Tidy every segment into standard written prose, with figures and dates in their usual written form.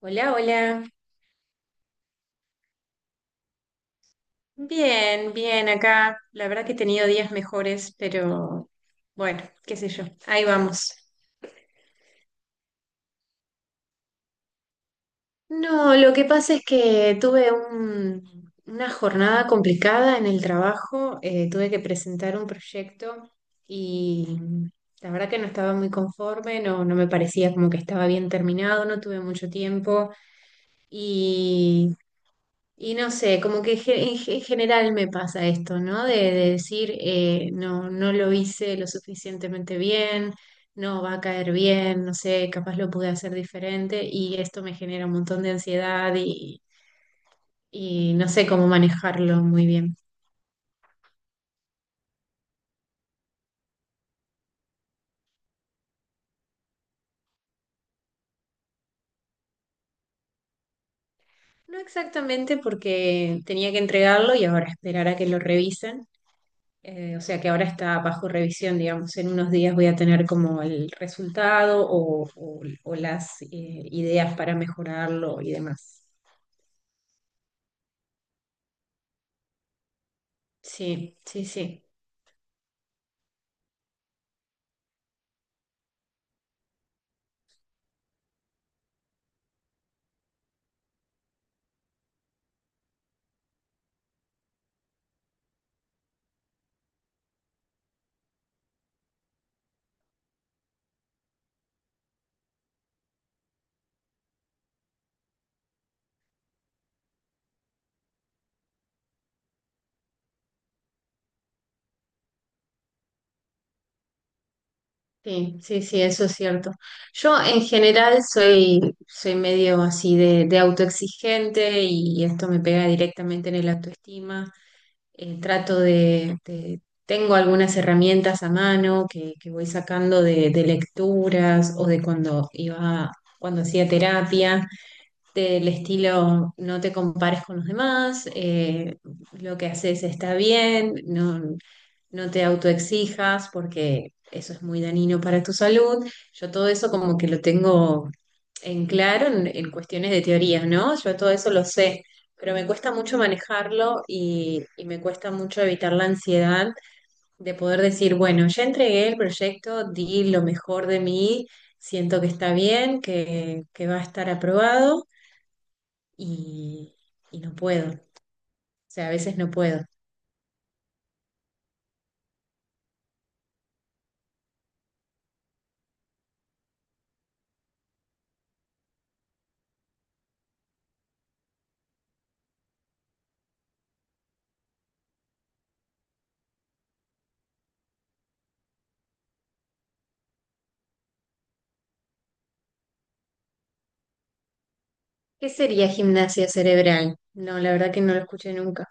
Hola, hola. Bien, bien acá. La verdad que he tenido días mejores, pero bueno, qué sé yo. Ahí vamos. No, lo que pasa es que tuve una jornada complicada en el trabajo. Tuve que presentar un proyecto y la verdad que no estaba muy conforme, no, no me parecía como que estaba bien terminado, no tuve mucho tiempo. y Y no sé, como que en general me pasa esto, ¿no? De decir, no, no lo hice lo suficientemente bien, no va a caer bien, no sé, capaz lo pude hacer diferente y esto me genera un montón de ansiedad y no sé cómo manejarlo muy bien. No exactamente porque tenía que entregarlo y ahora esperar a que lo revisen. O sea que ahora está bajo revisión, digamos. En unos días voy a tener como el resultado o las ideas para mejorarlo y demás. Sí, sí, sí. Sí, sí, sí, eso es cierto. Yo en general soy medio así de autoexigente y esto me pega directamente en el autoestima. Trato tengo algunas herramientas a mano que voy sacando de lecturas o de cuando iba, cuando hacía terapia, del estilo no te compares con los demás, lo que haces está bien, no, no te autoexijas porque eso es muy dañino para tu salud. Yo todo eso como que lo tengo en claro en cuestiones de teorías, ¿no? Yo todo eso lo sé, pero me cuesta mucho manejarlo y me cuesta mucho evitar la ansiedad de poder decir, bueno, ya entregué el proyecto, di lo mejor de mí, siento que está bien, que va a estar aprobado y, y no puedo. O sea, a veces no puedo. ¿Qué sería gimnasia cerebral? No, la verdad que no lo escuché nunca.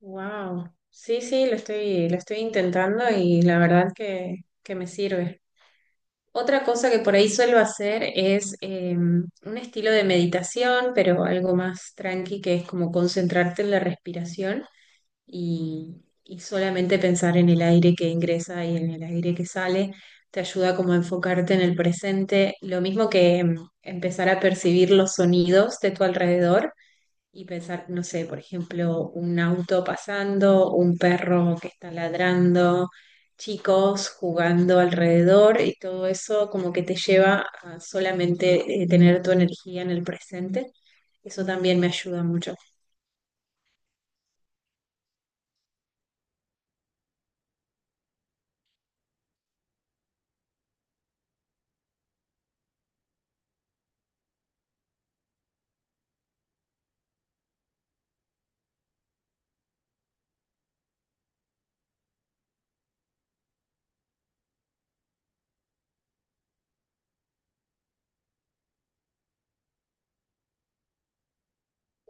Wow. Sí, sí, lo estoy intentando y la verdad que me sirve. Otra cosa que por ahí suelo hacer es un estilo de meditación, pero algo más tranqui, que es como concentrarte en la respiración y, y solamente pensar en el aire que ingresa y en el aire que sale. Te ayuda como a enfocarte en el presente, lo mismo que empezar a percibir los sonidos de tu alrededor. Y pensar, no sé, por ejemplo, un auto pasando, un perro que está ladrando, chicos jugando alrededor y todo eso como que te lleva a solamente tener tu energía en el presente. Eso también me ayuda mucho.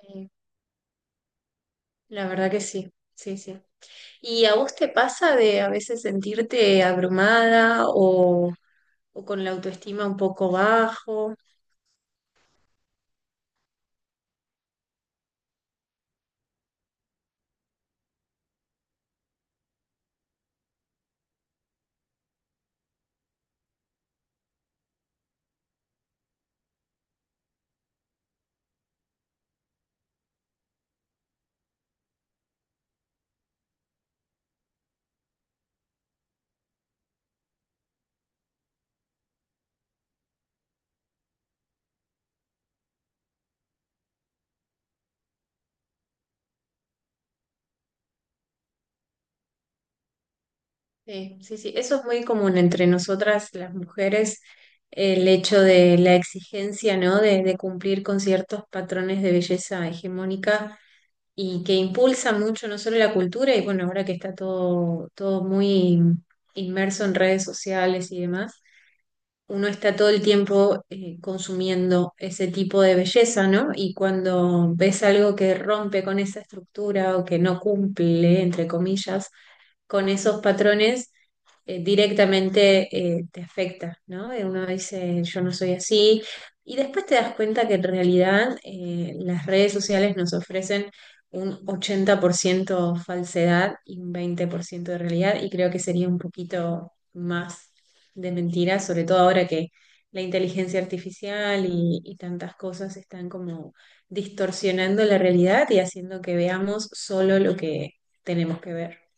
Eh, La verdad que sí, sí, sí. ¿Y a vos te pasa de a veces sentirte abrumada o con la autoestima un poco bajo? Sí, sí, sí, eso es muy común entre nosotras las mujeres, el hecho de la exigencia, ¿no? De cumplir con ciertos patrones de belleza hegemónica y que impulsa mucho no solo la cultura, y bueno, ahora que está todo muy inmerso en redes sociales y demás, uno está todo el tiempo consumiendo ese tipo de belleza, ¿no? Y cuando ves algo que rompe con esa estructura o que no cumple, entre comillas, con esos patrones directamente te afecta, ¿no? Y uno dice, yo no soy así. Y después te das cuenta que en realidad las redes sociales nos ofrecen un 80% falsedad y un 20% de realidad, y creo que sería un poquito más de mentira, sobre todo ahora que la inteligencia artificial y tantas cosas están como distorsionando la realidad y haciendo que veamos solo lo que tenemos que ver.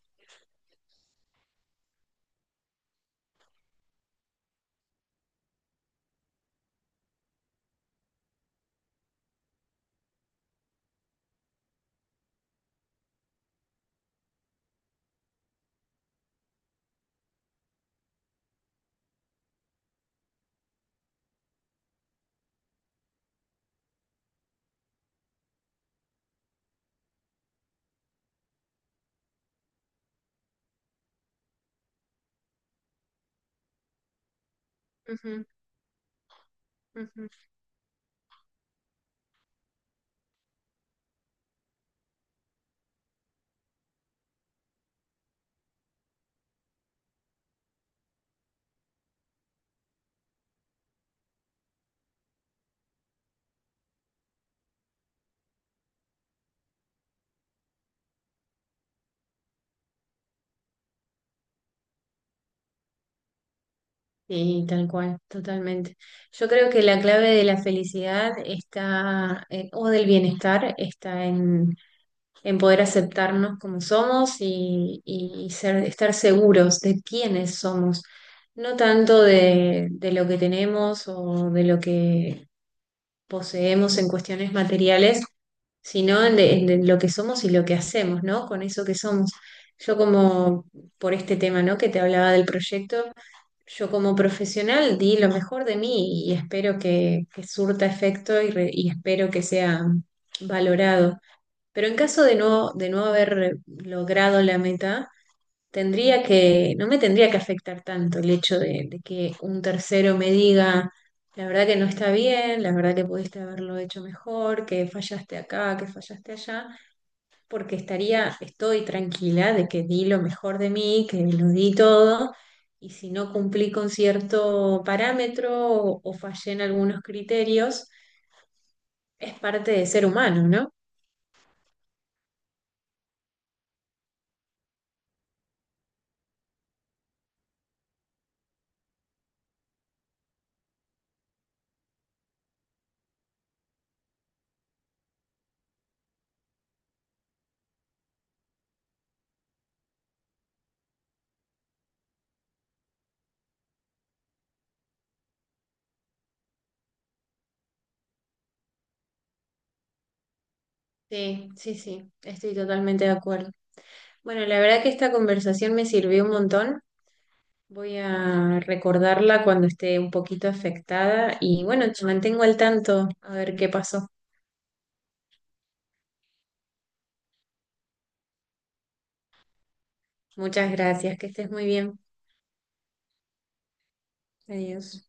Ujú. Sí, tal cual, totalmente. Yo creo que la clave de la felicidad está, o del bienestar, está en poder aceptarnos como somos y ser, estar seguros de quiénes somos, no tanto de lo que tenemos o de lo que poseemos en cuestiones materiales, sino en de lo que somos y lo que hacemos, ¿no? Con eso que somos. Yo como por este tema, ¿no? Que te hablaba del proyecto. Yo como profesional di lo mejor de mí y espero que surta efecto y espero que sea valorado. Pero en caso de no haber logrado la meta, no me tendría que afectar tanto el hecho de que un tercero me diga, la verdad que no está bien, la verdad que pudiste haberlo hecho mejor, que fallaste acá, que fallaste allá porque estoy tranquila de que di lo mejor de mí, que lo di todo, y si no cumplí con cierto parámetro o fallé en algunos criterios, es parte de ser humano, ¿no? Sí, sí, sí, estoy totalmente de acuerdo. Bueno, la verdad que esta conversación me sirvió un montón. Voy a recordarla cuando esté un poquito afectada y bueno, te mantengo al tanto a ver qué pasó. Muchas gracias, que estés muy bien. Adiós.